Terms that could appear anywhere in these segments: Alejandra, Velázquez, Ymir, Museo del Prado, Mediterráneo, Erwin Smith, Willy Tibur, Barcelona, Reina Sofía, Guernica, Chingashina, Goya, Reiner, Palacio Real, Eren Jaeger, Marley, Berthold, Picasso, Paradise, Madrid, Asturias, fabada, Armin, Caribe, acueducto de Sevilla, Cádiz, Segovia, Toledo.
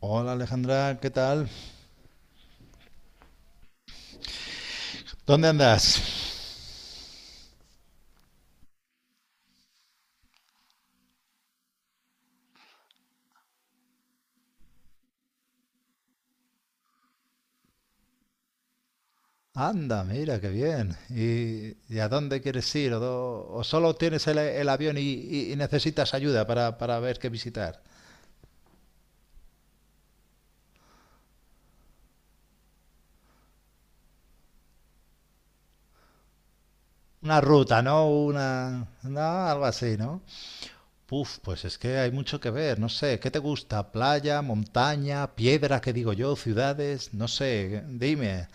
Hola Alejandra, ¿qué tal? ¿Dónde andas? Anda, mira, qué bien. ¿Y a dónde quieres ir? ¿O solo tienes el avión y necesitas ayuda para ver qué visitar? Una ruta, ¿no? No, algo así, ¿no? Puf, pues es que hay mucho que ver, no sé. ¿Qué te gusta? ¿Playa, montaña, piedra, que digo yo, ciudades? No sé, dime.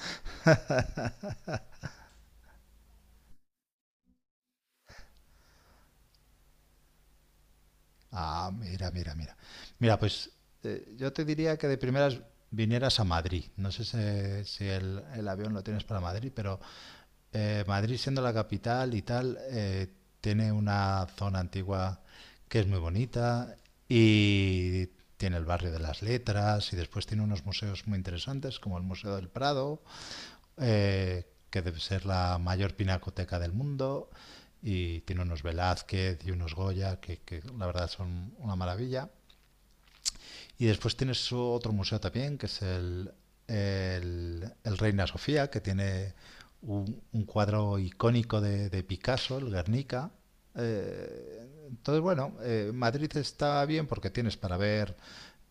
Ah, mira, mira, mira. Mira, pues yo te diría que de primeras vinieras a Madrid. No sé si el avión lo tienes para Madrid, pero Madrid siendo la capital y tal, tiene una zona antigua que es muy bonita y tiene el barrio de las letras y después tiene unos museos muy interesantes como el Museo del Prado, que debe ser la mayor pinacoteca del mundo, y tiene unos Velázquez y unos Goya que la verdad son una maravilla. Y después tienes otro museo también que es el Reina Sofía, que tiene un cuadro icónico de Picasso, el Guernica. Entonces, bueno, Madrid está bien porque tienes para ver,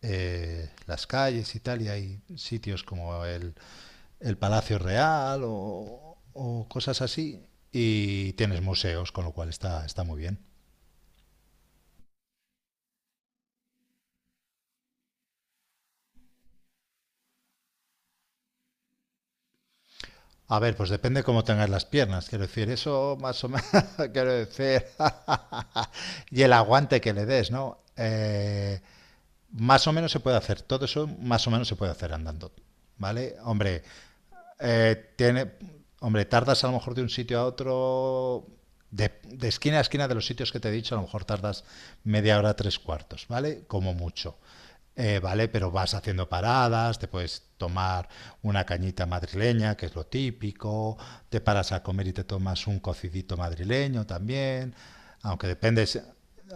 las calles y tal, y hay sitios como el Palacio Real o cosas así. Y tienes museos, con lo cual está muy bien. A ver, pues depende cómo tengas las piernas, quiero decir, eso más o menos, quiero decir, y el aguante que le des, ¿no? Más o menos se puede hacer, todo eso más o menos se puede hacer andando, ¿vale? Hombre. Tiene, hombre, tardas a lo mejor de un sitio a otro, de esquina a esquina de los sitios que te he dicho, a lo mejor tardas media hora, tres cuartos, ¿vale? Como mucho. ¿Vale? Pero vas haciendo paradas, te puedes tomar una cañita madrileña, que es lo típico, te paras a comer y te tomas un cocidito madrileño también, aunque depende.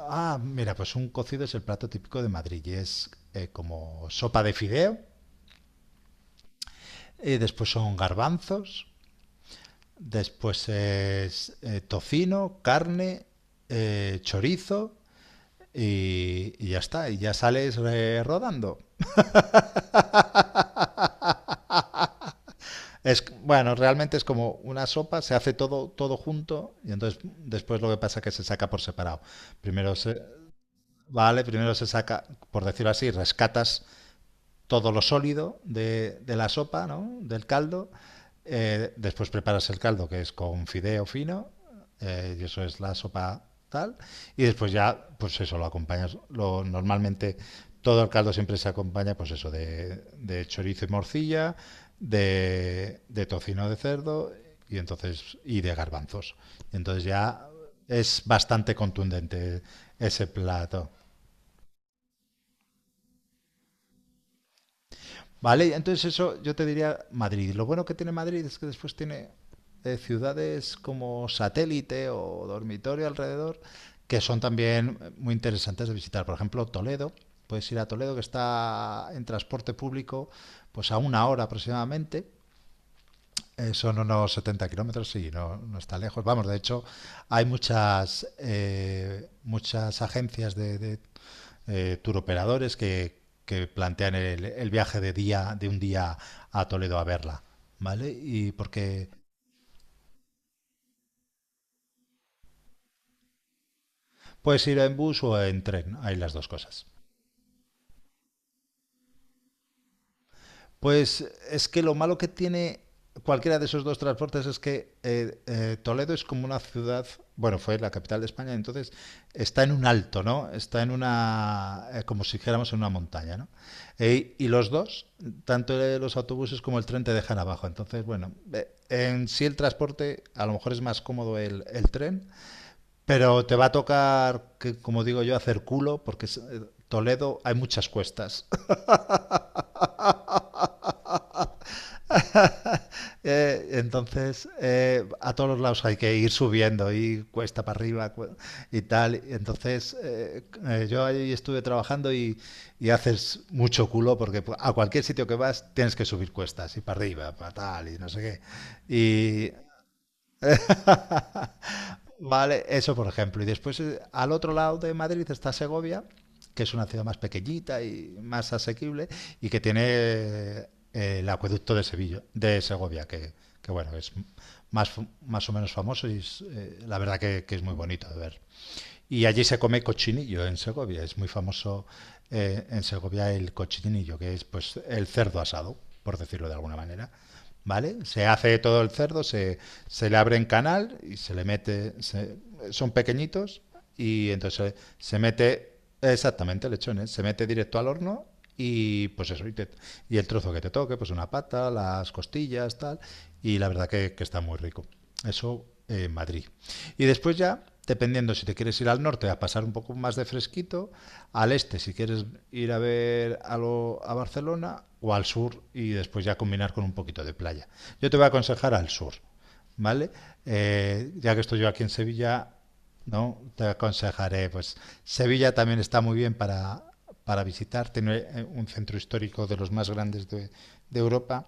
Ah, mira, pues un cocido es el plato típico de Madrid, y es como sopa de fideo, y después son garbanzos. Después es tocino, carne, chorizo, y ya está. Y ya sales, rodando. Es, bueno, realmente es como una sopa, se hace todo, todo junto y entonces después lo que pasa es que se saca por separado. Primero se, vale, primero se saca, por decirlo así, rescatas todo lo sólido de la sopa, ¿no? Del caldo. Después preparas el caldo, que es con fideo fino, y eso es la sopa tal. Y después ya, pues eso, lo acompañas. Normalmente todo el caldo siempre se acompaña, pues eso, de chorizo y morcilla, de tocino de cerdo y entonces y de garbanzos. Entonces ya es bastante contundente ese plato. Vale, entonces eso yo te diría Madrid. Lo bueno que tiene Madrid es que después tiene ciudades como satélite o dormitorio alrededor, que son también muy interesantes de visitar. Por ejemplo, Toledo. Puedes ir a Toledo, que está en transporte público pues a una hora aproximadamente. Son unos 70 kilómetros, sí, no, no está lejos. Vamos, de hecho, hay muchas agencias de turoperadores que plantean el viaje de un día a Toledo a verla, ¿vale? Y porque puedes ir en bus o en tren, hay las dos cosas. Pues es que lo malo que tiene cualquiera de esos dos transportes es que Toledo es como una ciudad, bueno, fue la capital de España, entonces está en un alto, ¿no? Está en como si dijéramos en una montaña, ¿no? Y los dos, tanto los autobuses como el tren te dejan abajo, entonces, bueno, en sí el transporte a lo mejor es más cómodo el tren, pero te va a tocar, que, como digo yo, hacer culo, porque Toledo hay muchas cuestas. Entonces, a todos los lados hay que ir subiendo y cuesta para arriba, y tal. Entonces, yo ahí estuve trabajando, y haces mucho culo porque, a cualquier sitio que vas tienes que subir cuestas y para arriba, para tal y no sé qué. Y vale, eso por ejemplo. Y después, al otro lado de Madrid está Segovia, que es una ciudad más pequeñita y más asequible y que tiene, el acueducto de Sevilla, de Segovia, que bueno, es más o menos famoso y la verdad que es muy bonito de ver. Y allí se come cochinillo en Segovia. Es muy famoso, en Segovia, el cochinillo, que es pues el cerdo asado, por decirlo de alguna manera. ¿Vale? Se hace todo el cerdo, se, le abre en canal y se le mete. Son pequeñitos y entonces se mete. Exactamente, lechones. Se mete directo al horno y pues eso. Y el trozo que te toque, pues una pata, las costillas, tal. Y la verdad que está muy rico. Eso en Madrid. Y después ya, dependiendo si te quieres ir al norte a pasar un poco más de fresquito, al este si quieres ir a ver algo a Barcelona, o al sur y después ya combinar con un poquito de playa. Yo te voy a aconsejar al sur, ¿vale? Ya que estoy yo aquí en Sevilla, ¿no? Te aconsejaré, pues Sevilla también está muy bien para, visitar, tiene, un centro histórico de los más grandes de Europa,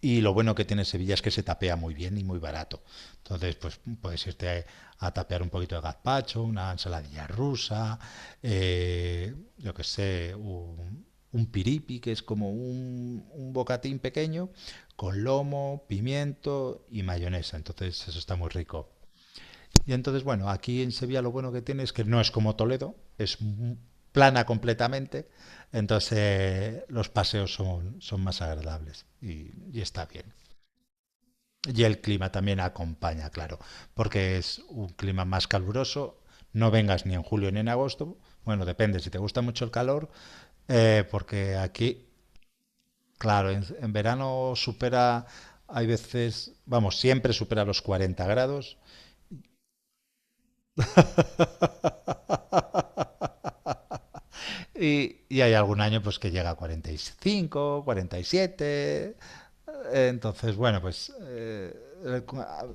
y lo bueno que tiene Sevilla es que se tapea muy bien y muy barato. Entonces, pues puedes irte a tapear un poquito de gazpacho, una ensaladilla rusa, yo que sé, un, piripi, que es como un bocatín pequeño, con lomo, pimiento y mayonesa. Entonces, eso está muy rico. Y entonces, bueno, aquí en Sevilla lo bueno que tiene es que no es como Toledo, es plana completamente, entonces, los paseos son más agradables, y está bien. Y el clima también acompaña, claro, porque es un clima más caluroso. No vengas ni en julio ni en agosto. Bueno, depende, si te gusta mucho el calor, porque aquí, claro, en verano supera, hay veces, vamos, siempre supera los 40 grados. Y hay algún año pues que llega a 45, 47. Entonces, bueno, pues,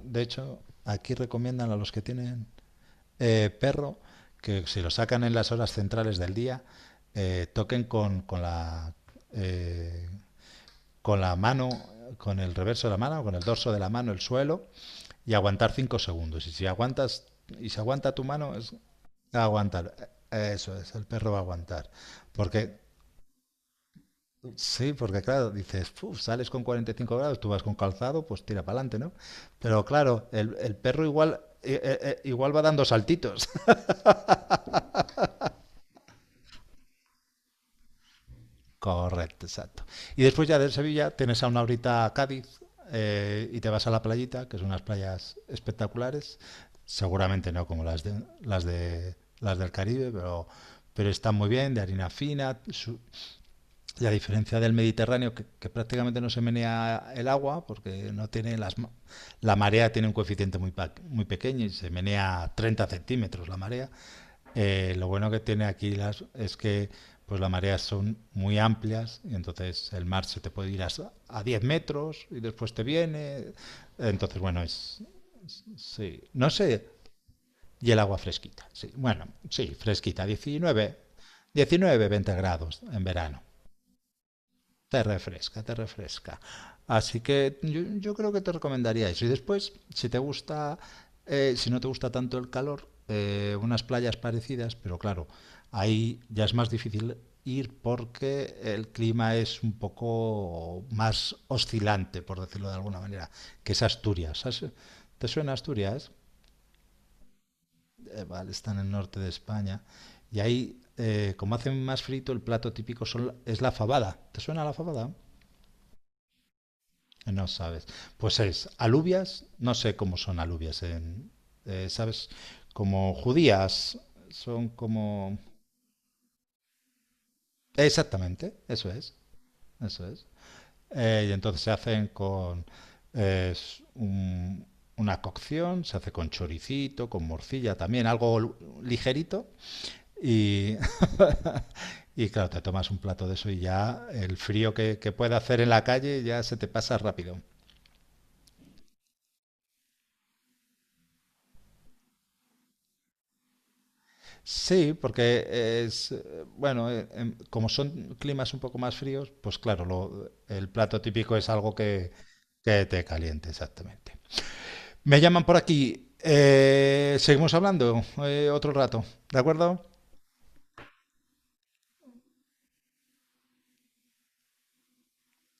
de hecho, aquí recomiendan a los que tienen, perro, que si lo sacan en las horas centrales del día, toquen eh, con la mano, con el reverso de la mano, con el dorso de la mano, el suelo, y aguantar 5 segundos. Y si aguanta tu mano, es aguantar. Eso es, el perro va a aguantar. Porque, sí, porque claro, dices: "Uf, sales con 45 grados, tú vas con calzado, pues tira para adelante, ¿no?". Pero claro, el perro igual, igual va dando saltitos. Correcto, exacto. Y después ya de Sevilla tienes a una horita a Cádiz, y te vas a la playita, que son unas playas espectaculares. Seguramente no como las del Caribe, pero están muy bien, de harina fina. Y a diferencia del Mediterráneo, que prácticamente no se menea el agua, porque no tiene la marea, tiene un coeficiente muy pequeño y se menea 30 centímetros la marea, lo bueno que tiene aquí es que pues las mareas son muy amplias y entonces el mar se te puede ir a, 10 metros y después te viene. Entonces, bueno. Sí, no sé. Y el agua fresquita. Sí, bueno, sí, fresquita. Diecinueve 20 grados en verano. Te refresca, te refresca. Así que yo creo que te recomendaría eso. Y después, si te gusta, si no te gusta tanto el calor, unas playas parecidas, pero claro, ahí ya es más difícil ir porque el clima es un poco más oscilante, por decirlo de alguna manera, que es Asturias. ¿Te suena Asturias? Vale, está en el norte de España. Y ahí, como hacen más frito, el plato típico es la fabada. ¿Te suena la fabada? No sabes. Pues es alubias, no sé cómo son alubias, ¿sabes? Como judías, son como. Exactamente, eso es, eso es. Y entonces se hacen con eh, s- un- una cocción, se hace con choricito, con morcilla también, algo ligerito. Y, y claro, te tomas un plato de eso y ya el frío que puede hacer en la calle ya se te pasa rápido. Sí, porque bueno, como son climas un poco más fríos, pues claro, el plato típico es algo que te caliente, exactamente. Me llaman por aquí. Seguimos hablando, otro rato, ¿de acuerdo?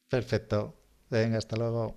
Perfecto. Venga, hasta luego.